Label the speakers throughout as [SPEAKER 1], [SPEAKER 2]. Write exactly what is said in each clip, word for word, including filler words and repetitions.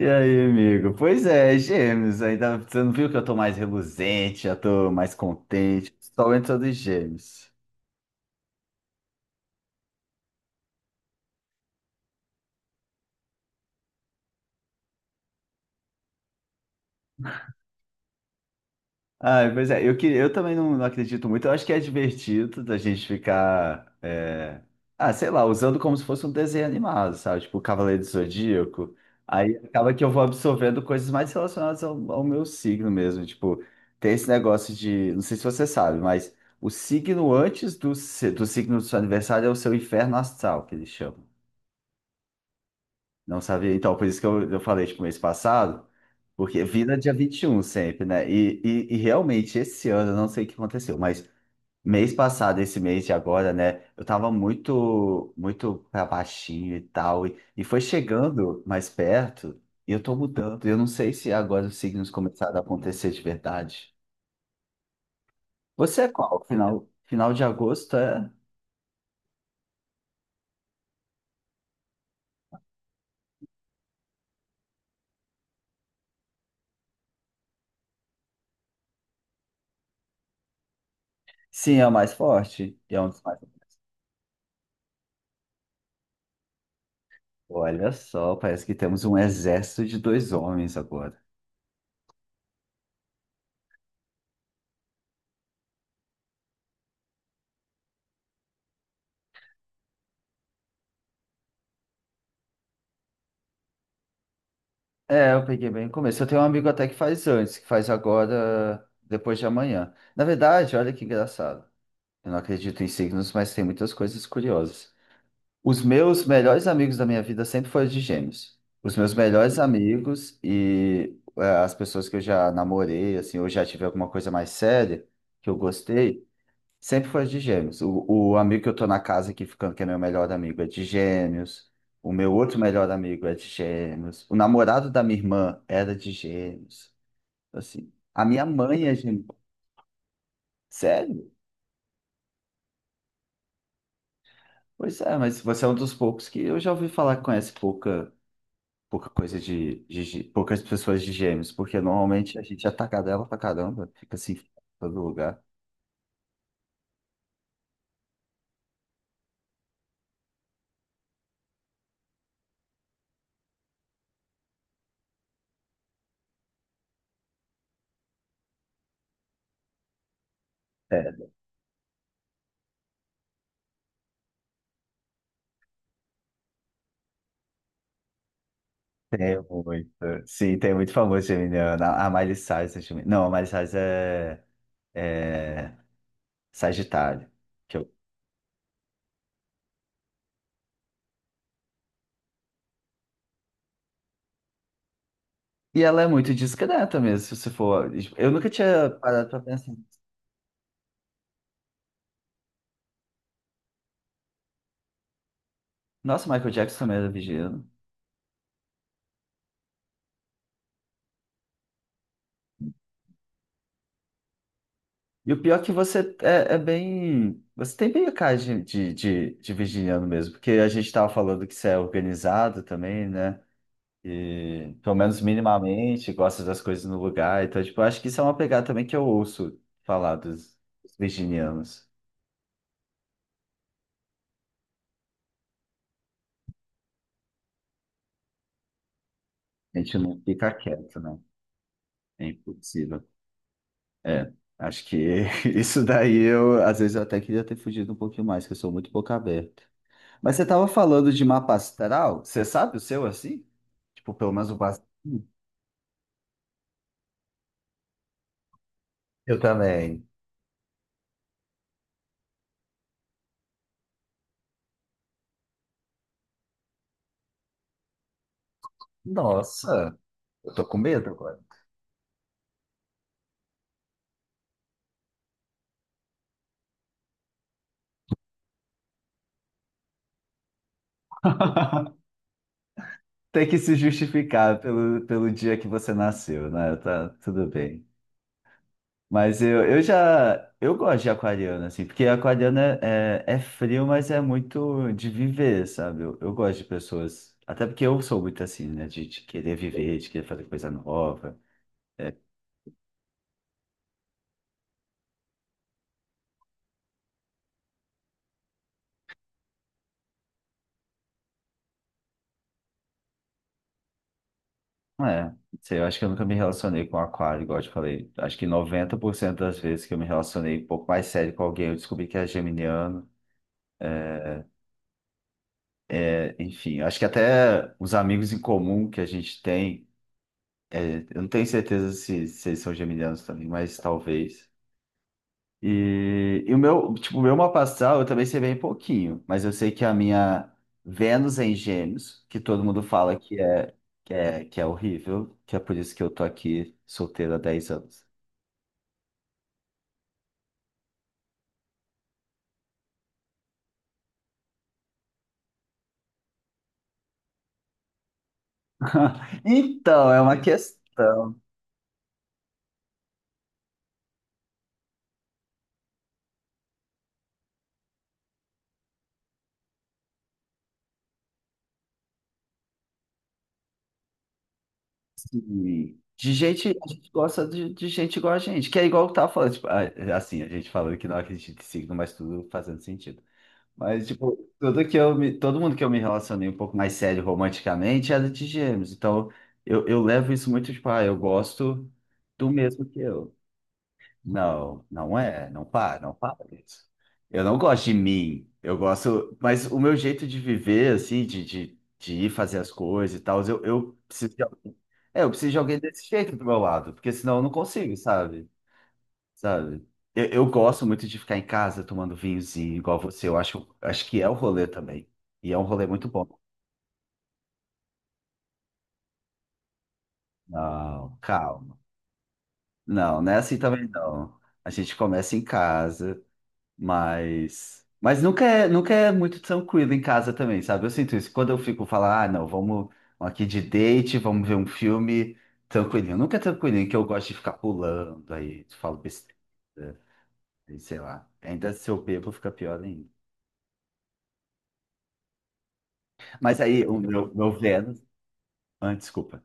[SPEAKER 1] E aí, amigo? Pois é, gêmeos. Ainda você não viu que eu tô mais reluzente, já tô mais contente. Só entra dos gêmeos. Ah, pois é, eu, que- eu também não, não acredito muito. Eu acho que é divertido da gente ficar, é, ah, sei lá, usando como se fosse um desenho animado, sabe? Tipo Cavaleiro do Zodíaco. Aí acaba que eu vou absorvendo coisas mais relacionadas ao, ao meu signo mesmo. Tipo, tem esse negócio de, não sei se você sabe, mas o signo antes do, se- do signo do seu aniversário é o seu inferno astral, que eles chamam. Não sabia. Então, por isso que eu, eu falei, tipo, mês passado, porque vira dia vinte e um sempre, né? E, e, e realmente, esse ano, eu não sei o que aconteceu, mas mês passado, esse mês de agora, né? Eu tava muito, muito pra baixinho e tal, e, e foi chegando mais perto, e eu tô mudando. Eu não sei se agora os signos começaram a acontecer de verdade. Você é qual? Final, final de agosto é? Sim, é o mais forte. E é um dos mais... Olha só, parece que temos um exército de dois homens agora. É, eu peguei bem no começo. Eu tenho um amigo até que faz antes, que faz agora, depois de amanhã. Na verdade, olha que engraçado. Eu não acredito em signos, mas tem muitas coisas curiosas. Os meus melhores amigos da minha vida sempre foram de gêmeos. Os meus melhores amigos e é, as pessoas que eu já namorei, assim, ou já tive alguma coisa mais séria que eu gostei, sempre foi de gêmeos. O, o amigo que eu tô na casa aqui ficando, que é meu melhor amigo, é de gêmeos. O meu outro melhor amigo é de gêmeos. O namorado da minha irmã era de gêmeos. Assim, a minha mãe é gêmeo. Sério? Pois é, mas você é um dos poucos que eu já ouvi falar que conhece pouca, pouca coisa de, de, gê- poucas pessoas de gêmeos, porque normalmente a gente é atacadela pra caramba, fica assim em todo lugar. É, tem muito. Sim, tem muito famoso geminiano. A a Miley Cyrus é geminiana. Não, a Miley Cyrus é, é, Sagitário. que eu- E ela é muito discreta mesmo, se você for. Eu nunca tinha parado pra pensar. Nossa, Michael Jackson também era virginiano. E o pior é que você é, é bem. Você tem bem a cara de, de, de, de virginiano mesmo, porque a gente tava falando que você é organizado também, né? E pelo menos minimamente gosta das coisas no lugar. Então, tipo, eu acho que isso é uma pegada também que eu ouço falar dos, dos virginianos. A gente não fica quieto, né? É impossível. É, acho que isso daí eu, às vezes eu até queria ter fugido um pouquinho mais, que eu sou muito boca aberta. Mas você tava falando de mapa astral, você sabe o seu assim? Tipo, pelo menos o básico. Eu também. Nossa, eu tô com medo agora. Tem que se justificar pelo, pelo dia que você nasceu, né? Tá, tudo bem. Mas eu, eu já. Eu gosto de aquariano, assim, porque aquariano é, é, é frio, mas é muito de viver, sabe? Eu, eu gosto de pessoas. Até porque eu sou muito assim, né? De, de querer viver, de querer fazer coisa nova. Não É, não sei, eu acho que eu nunca me relacionei com aquário, igual eu te falei. Acho que noventa por cento das vezes que eu me relacionei um pouco mais sério com alguém, eu descobri que é geminiano. É, enfim, acho que até os amigos em comum que a gente tem, é, eu não tenho certeza se, se eles são geminianos também, mas talvez. E, e o meu, tipo, o meu mapa astral eu também sei bem pouquinho, mas eu sei que a minha Vênus é em Gêmeos, que todo mundo fala que é, que é, que é horrível, que é por isso que eu tô aqui solteiro há dez anos. Então, é uma questão assim, de gente, a gente gosta de, de gente igual a gente, que é igual eu tava falando, tipo, ah, é, assim, a gente falando que não acredita em signo, mas tudo fazendo sentido. Mas, tipo, tudo que eu me, todo mundo que eu me relacionei um pouco mais sério romanticamente era de gêmeos. Então, eu, eu levo isso muito, tipo, ah, eu gosto do mesmo que eu. Não, não é. Não para, não para isso. Eu não gosto de mim. Eu gosto. Mas o meu jeito de viver, assim, de, de, de ir fazer as coisas e tal, eu, eu preciso de alguém. É, eu preciso de alguém desse jeito do meu lado, porque senão eu não consigo, sabe? Sabe? Eu, eu gosto muito de ficar em casa tomando vinhozinho, igual você. Eu acho, acho que é o rolê também. E é um rolê muito bom. Não, calma. Não, não é assim também não. A gente começa em casa, mas. Mas nunca é, nunca é muito tranquilo em casa também, sabe? Eu sinto isso. Quando eu fico falar, ah, não, vamos aqui de date, vamos ver um filme tranquilinho. Nunca é tranquilinho, que eu gosto de ficar pulando, aí falo besteira, aí sei lá. Ainda se eu bebo, fica pior ainda. Mas aí o meu, meu Vênus. Ah, desculpa.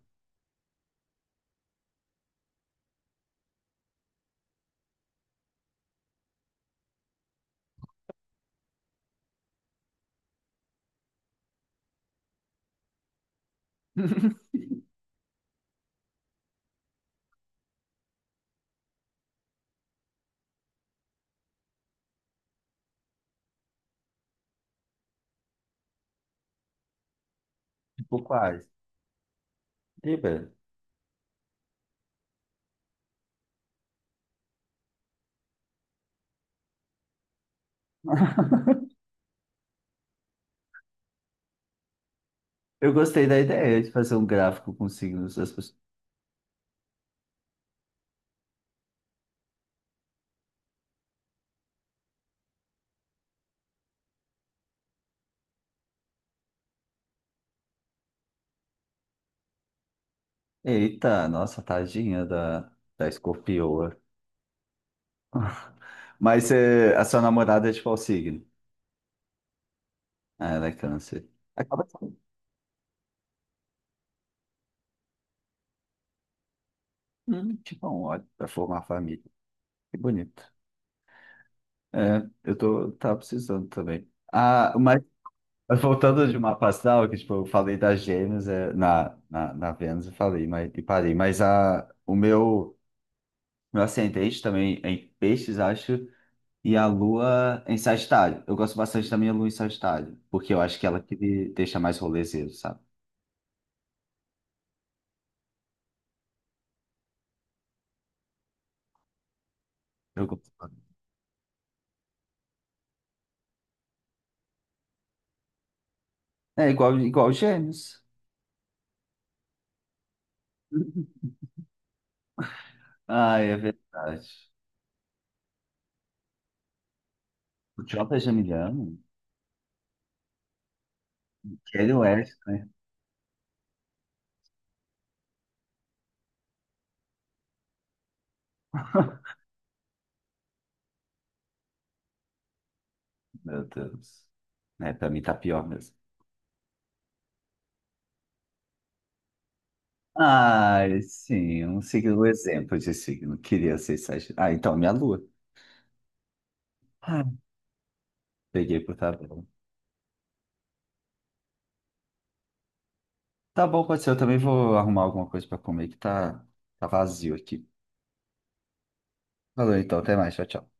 [SPEAKER 1] Tipo Ares. Libra. Eu gostei da ideia de fazer um gráfico com signos das pessoas. Eita, nossa, tadinha da, da escorpioa. Mas eh, a sua namorada é de qual signo? Ah, ela é câncer. Acaba sendo hum, tipo um ódio para formar família. Que bonito. É, eu tô, tava precisando também. Ah, mas voltando de uma astral, que tipo, eu falei das gêmeas eh, na, na, na Vênus, eu falei, mas, e parei. Mas a, o meu. Meu ascendente também é em peixes, acho, e a lua em Sagitário. Eu gosto bastante da minha lua em Sagitário, porque eu acho que ela que me deixa mais rolezeiro, sabe? Eu gosto. É igual, igual Gêmeos. Ah, é verdade. O Jota é Geminiano? Kanye West, né? Meu Deus. É, pra mim tá pior mesmo. Ah, sim, um signo, um exemplo de signo. Queria ser Sagitário. Ah, então, minha lua. Ah, Peguei por tabela. Tá bom, pode ser. Eu também vou arrumar alguma coisa pra comer que tá, tá vazio aqui. Falou então, até mais. Tchau, tchau.